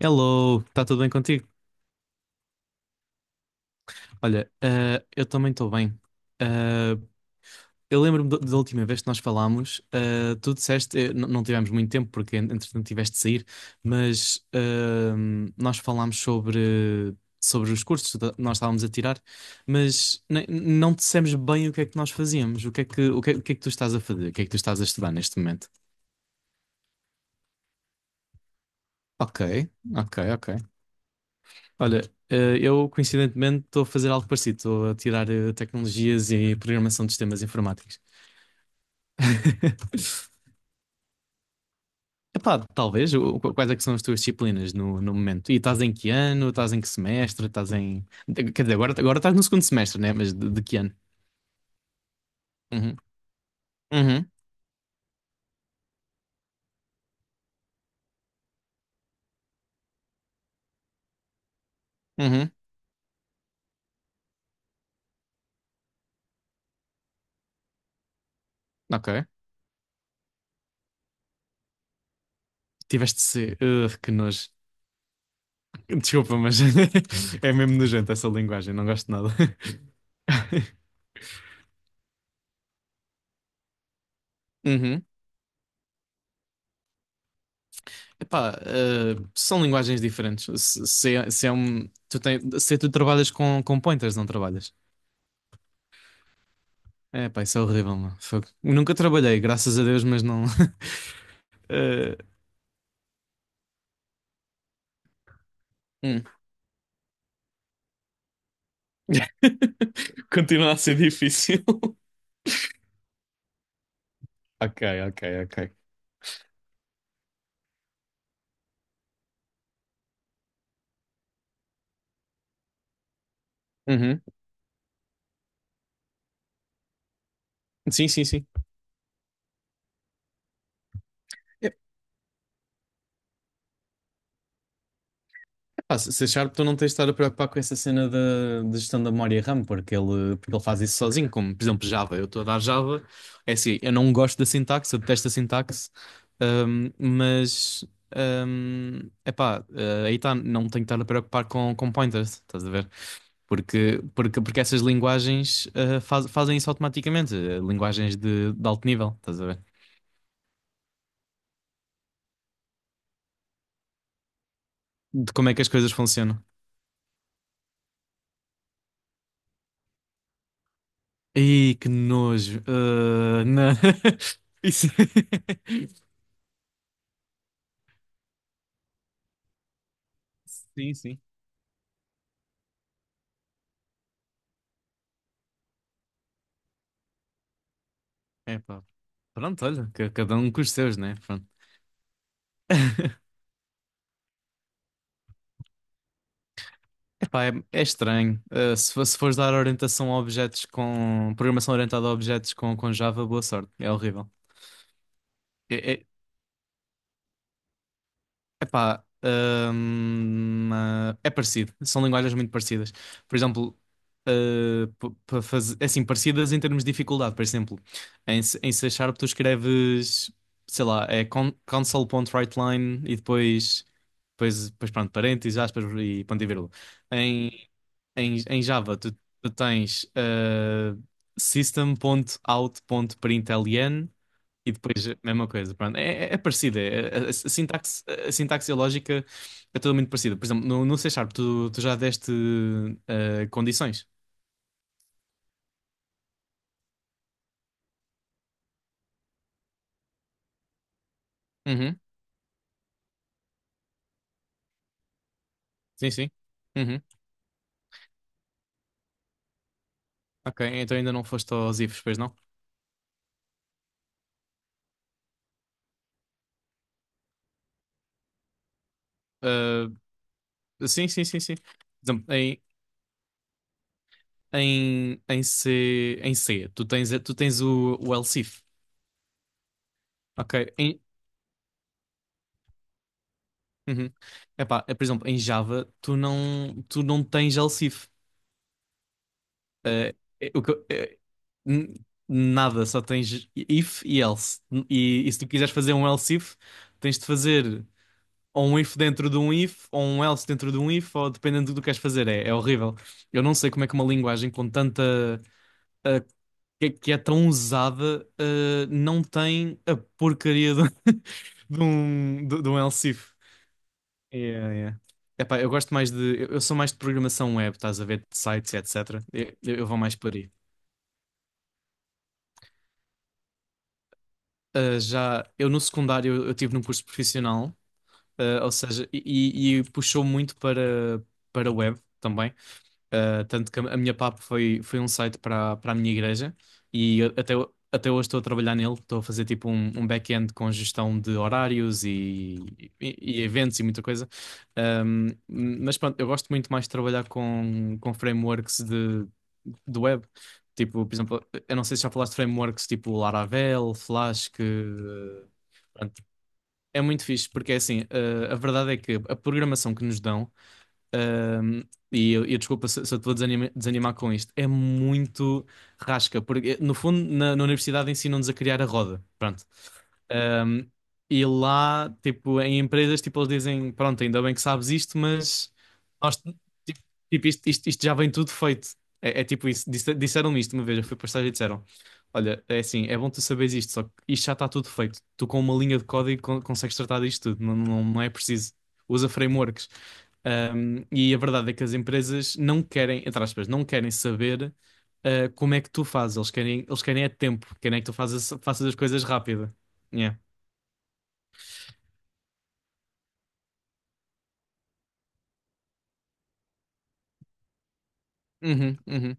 Hello, está tudo bem contigo? Olha, eu também estou bem. Eh, eu lembro-me da última vez que nós falámos, tu disseste, não tivemos muito tempo porque entretanto tiveste de sair, mas nós falámos sobre os cursos que nós estávamos a tirar, mas não dissemos bem o que é que nós fazíamos, o que é que tu estás a fazer, o que é que tu estás a estudar neste momento. Ok, ok, ok. Olha, eu coincidentemente estou a fazer algo parecido, estou a tirar tecnologias e programação de sistemas informáticos. Epá, talvez, quais é que são as tuas disciplinas no momento? E estás em que ano? Estás em que semestre? Quer dizer, agora estás no segundo semestre, né? Mas de que ano? Uhum, uhum, uhum, ok. Tiveste C. Ugh, que nojo. Desculpa, mas é mesmo nojento essa linguagem, não gosto de nada. Epá, são linguagens diferentes. Se, é se é um, tu tem, se tu trabalhas com, pointers, não trabalhas. É, pá, isso é horrível, mano. Fogo. Nunca trabalhei, graças a Deus, mas não. Eh, hum. Continua a ser difícil. Ok, ok, ok. Uhum. Sim, sim, sim. Ah, se achar tu não tens de estar a preocupar com essa cena da de gestão da memória RAM, porque ele faz isso sozinho, como por exemplo Java. Eu estou a dar Java, é assim, eu não gosto da sintaxe, eu detesto a sintaxe, mas epá, aí está, não tenho que estar a preocupar com pointers, estás a ver? Porque essas linguagens fazem isso automaticamente, linguagens de alto nível, estás a ver? De como é que as coisas funcionam. Ih, que nojo. Ah, não. Isso. Sim, sim. É pá. Pronto, olha, cada um com os seus, né? Pronto. Epá, é estranho. Ah, se fores dar orientação a objetos com. Programação orientada a objetos com Java, boa sorte. É horrível. É, é, Epá, é parecido. São linguagens muito parecidas. Por exemplo, ah, para fazer, é assim, parecidas em termos de dificuldade. Por exemplo, em C Sharp tu escreves, sei lá, console.writeline e depois pronto, parênteses, aspas e ponto e vírgula. Em, em Java tu tens system.out.println e depois, mesma coisa, pronto. É parecida. A sintaxe e a lógica é tudo muito parecida. Por exemplo, no C Sharp, tu já deste condições? Uhum. Sim, sim. Uhum. Ok, então ainda não foste aos ifs, pois não? Sim, sim, sim, sim. Por exemplo, em C, tu tens o else if. Ok. Uhum. Epá, por exemplo, em Java, tu não tens else if. Eh, eh, o que eu- eh, n- Nada, só tens if e else. E se tu quiseres fazer um else if, tens de fazer ou um if dentro de um if, ou um else dentro de um if, ou dependendo do que queres fazer. É horrível. Eu não sei como é que uma linguagem com tanta. eh, que é tão usada, não tem a porcaria de, de um else if. Yeah, yeah. Epá, eu gosto mais de. Eu sou mais de programação web, estás a ver, de sites, etc. Eu vou mais por aí. Já eu no secundário eu tive num curso profissional, ou seja, e puxou muito para web também. Tanto que a minha PAP foi um site para, a minha igreja até hoje estou a trabalhar nele. Estou a fazer tipo um back-end com gestão de horários e eventos e muita coisa. Um, mas pronto, eu gosto muito mais de trabalhar com frameworks de web. Tipo, por exemplo, eu não sei se já falaste de frameworks tipo Laravel, Flask. Pronto, é muito fixe porque é assim, a verdade é que a programação que nos dão. Um, e eu desculpa se eu te vou desanimar com isto. É muito rasca, porque no fundo na universidade ensinam-nos a criar a roda. Pronto. Um, e lá, tipo, em empresas, tipo, eles dizem, pronto, ainda bem que sabes isto, mas nós, tipo, isto já vem tudo feito. É tipo isso. Disseram-me isto uma vez, eu fui para o estágio e disseram, olha, é assim, é bom tu saberes isto, só que isto já está tudo feito. Tu com uma linha de código consegues tratar disto tudo, não, não, não é preciso. Usa frameworks. E a verdade é que as empresas não querem, entre aspas, não querem saber como é que tu fazes. Eles querem é tempo, querem é que tu fazes, faças as coisas rápido. Yeah. Uhum, uhum,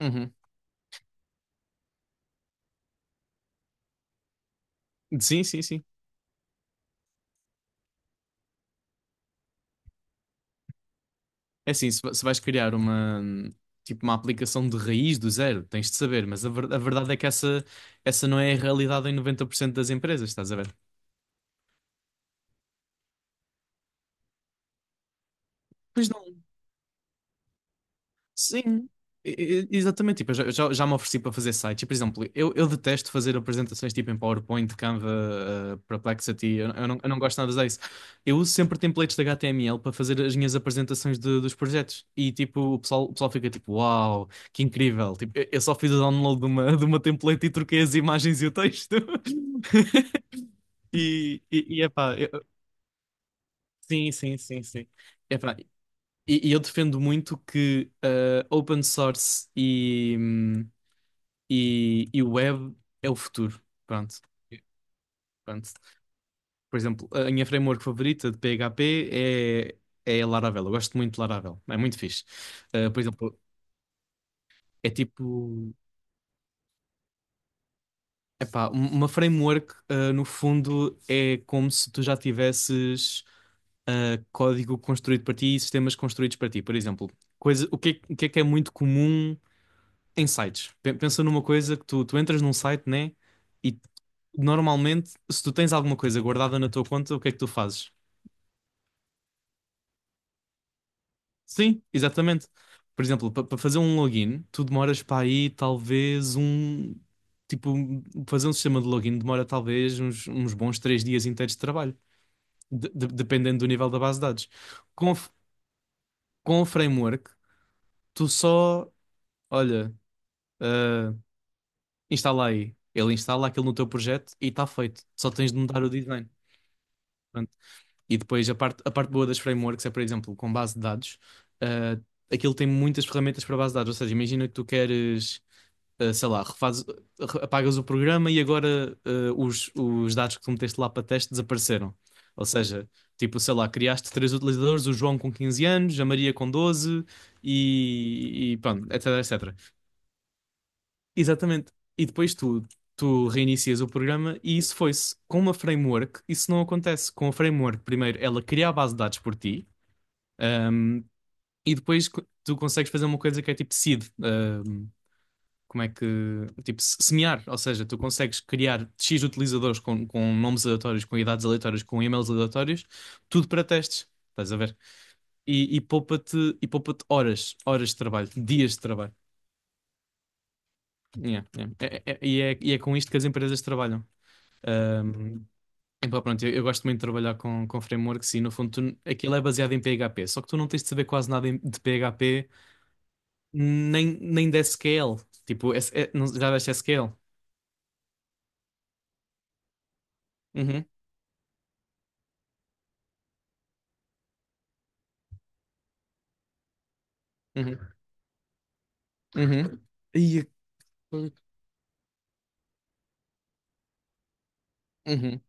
uhum. Sim, sim, sim. É assim, se vais criar tipo, uma aplicação de raiz do zero, tens de saber, mas a verdade é que essa não é a realidade em 90% das empresas, estás a ver? Pois não. Sim, exatamente. Tipo, eu já me ofereci para fazer sites. E, por exemplo, eu detesto fazer apresentações tipo em PowerPoint, Canva, Perplexity. Eu não gosto nada disso. Eu uso sempre templates de HTML para fazer as minhas apresentações dos projetos. E tipo, o pessoal fica tipo, uau, que incrível. Tipo, eu só fiz o download de uma template e troquei as imagens e o texto. E epá, sim, sim, sim, sim. Epá, e eu defendo muito que open source e web é o futuro. Pronto. Pronto. Por exemplo, a minha framework favorita de PHP é a Laravel. Eu gosto muito de Laravel. É muito fixe. Ah, por exemplo, é tipo. Epá, uma framework, no fundo, é como se tu já tivesses código construído para ti e sistemas construídos para ti. Por exemplo, coisa, o que é muito comum? Em sites. Pensa numa coisa que tu entras num site, né? E normalmente, se tu tens alguma coisa guardada na tua conta, o que é que tu fazes? Sim, exatamente. Por exemplo, para fazer um login, tu demoras para aí talvez um. Tipo, fazer um sistema de login demora talvez uns bons 3 dias inteiros de trabalho, dependendo do nível da base de dados. Com, o f- com o framework, tu só, olha, ah, instala aí. Ele instala aquilo no teu projeto e está feito. Só tens de mudar o design. Pronto. E depois a parte boa das frameworks é, por exemplo, com base de dados, ah, aquilo tem muitas ferramentas para base de dados. Ou seja, imagina que tu queres, sei lá, apagas o programa e agora os dados que tu meteste lá para teste desapareceram. Ou seja, tipo, sei lá, criaste três utilizadores, o João com 15 anos, a Maria com 12 e pronto, etc, etc. Exatamente. E depois tu reinicias o programa e isso foi-se. Com uma framework, isso não acontece. Com a framework, primeiro ela cria a base de dados por ti, ahm, e depois tu consegues fazer uma coisa que é tipo seed. Como é que. Tipo, semear. Ou seja, tu consegues criar X utilizadores com, nomes aleatórios, com idades aleatórias, com e-mails aleatórios, tudo para testes. Estás a ver? E poupa-te horas de trabalho, dias de trabalho. Yeah, yeah. E é com isto que as empresas trabalham. Um, Epá, pronto, eu gosto muito de trabalhar com, frameworks e no fundo aquilo é baseado em PHP, só que tu não tens de saber quase nada de PHP nem de SQL. Tipo, já deste SQL? Uhum, uhum, uhum. Ia- Uhum.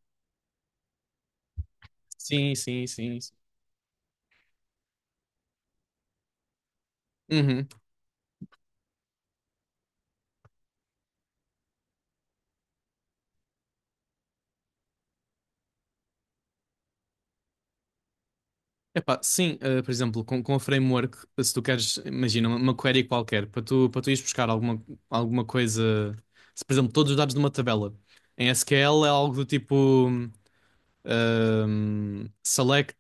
Sim, sim, sim, sim. Uhum. Epá, sim, por exemplo, com o framework, se tu queres, imagina, uma query qualquer, para tu ires buscar alguma coisa, se, por exemplo, todos os dados de uma tabela, em SQL é algo do tipo. Select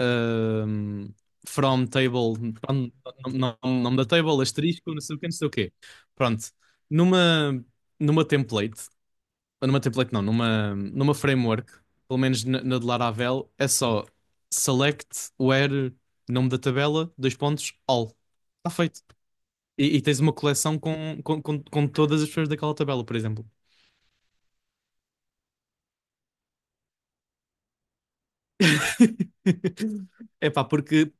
um, from table, pronto, nome da table, asterisco, não sei o quê, não sei o quê. Pronto, numa, numa template, numa template não, numa framework, pelo menos na de Laravel, é só select where, nome da tabela, dois pontos, all. Está feito. E tens uma coleção com todas as pessoas daquela tabela, por exemplo. Epá, porque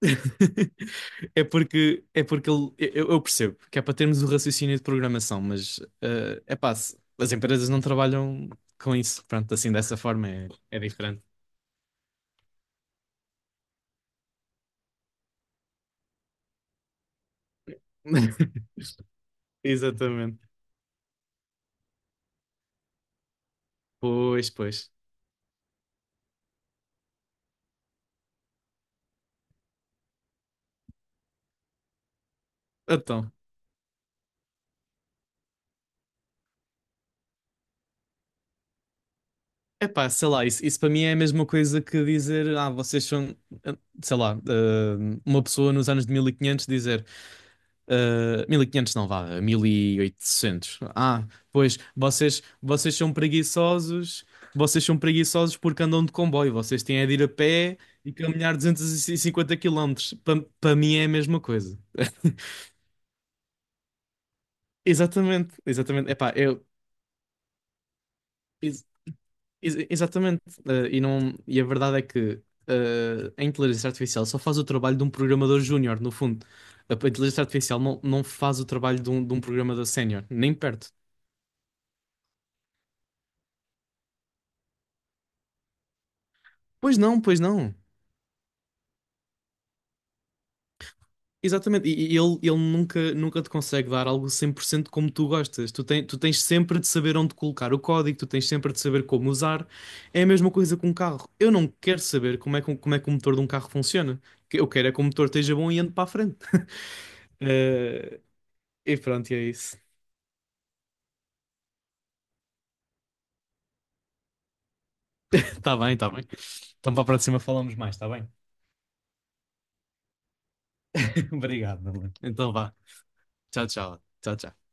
Eu percebo que é para termos o raciocínio de programação, mas é pá, as empresas não trabalham com isso. Pronto, assim dessa forma é diferente. Exatamente. Pois, pois. Então, é pá, sei lá, isso para mim é a mesma coisa que dizer, vocês são, eh, sei lá, uma pessoa nos anos de 1500 dizer. 1500 não vá, 1800. Ah, pois, vocês são preguiçosos, vocês são preguiçosos porque andam de comboio, vocês têm é de ir a pé e caminhar 250 km. Para mim é a mesma coisa. Exatamente, exatamente. Epá, eu, ex- exatamente. E, não, e a verdade é que a inteligência artificial só faz o trabalho de um programador júnior, no fundo. A inteligência artificial não faz o trabalho de um programador sénior, nem perto. Pois não, pois não. Exatamente, e ele nunca te consegue dar algo 100% como tu gostas. Tu tens sempre de saber onde colocar o código, tu tens sempre de saber como usar. É a mesma coisa com um carro. Eu não quero saber como é que o motor de um carro funciona. O que eu quero é que o motor esteja bom e ande para a frente. Eh, e pronto, e é isso. Tá bem, tá bem. Então para a próxima falamos mais, tá bem? Obrigado, Nuno. Então vá. Tchau, tchau. Tchau, tchau.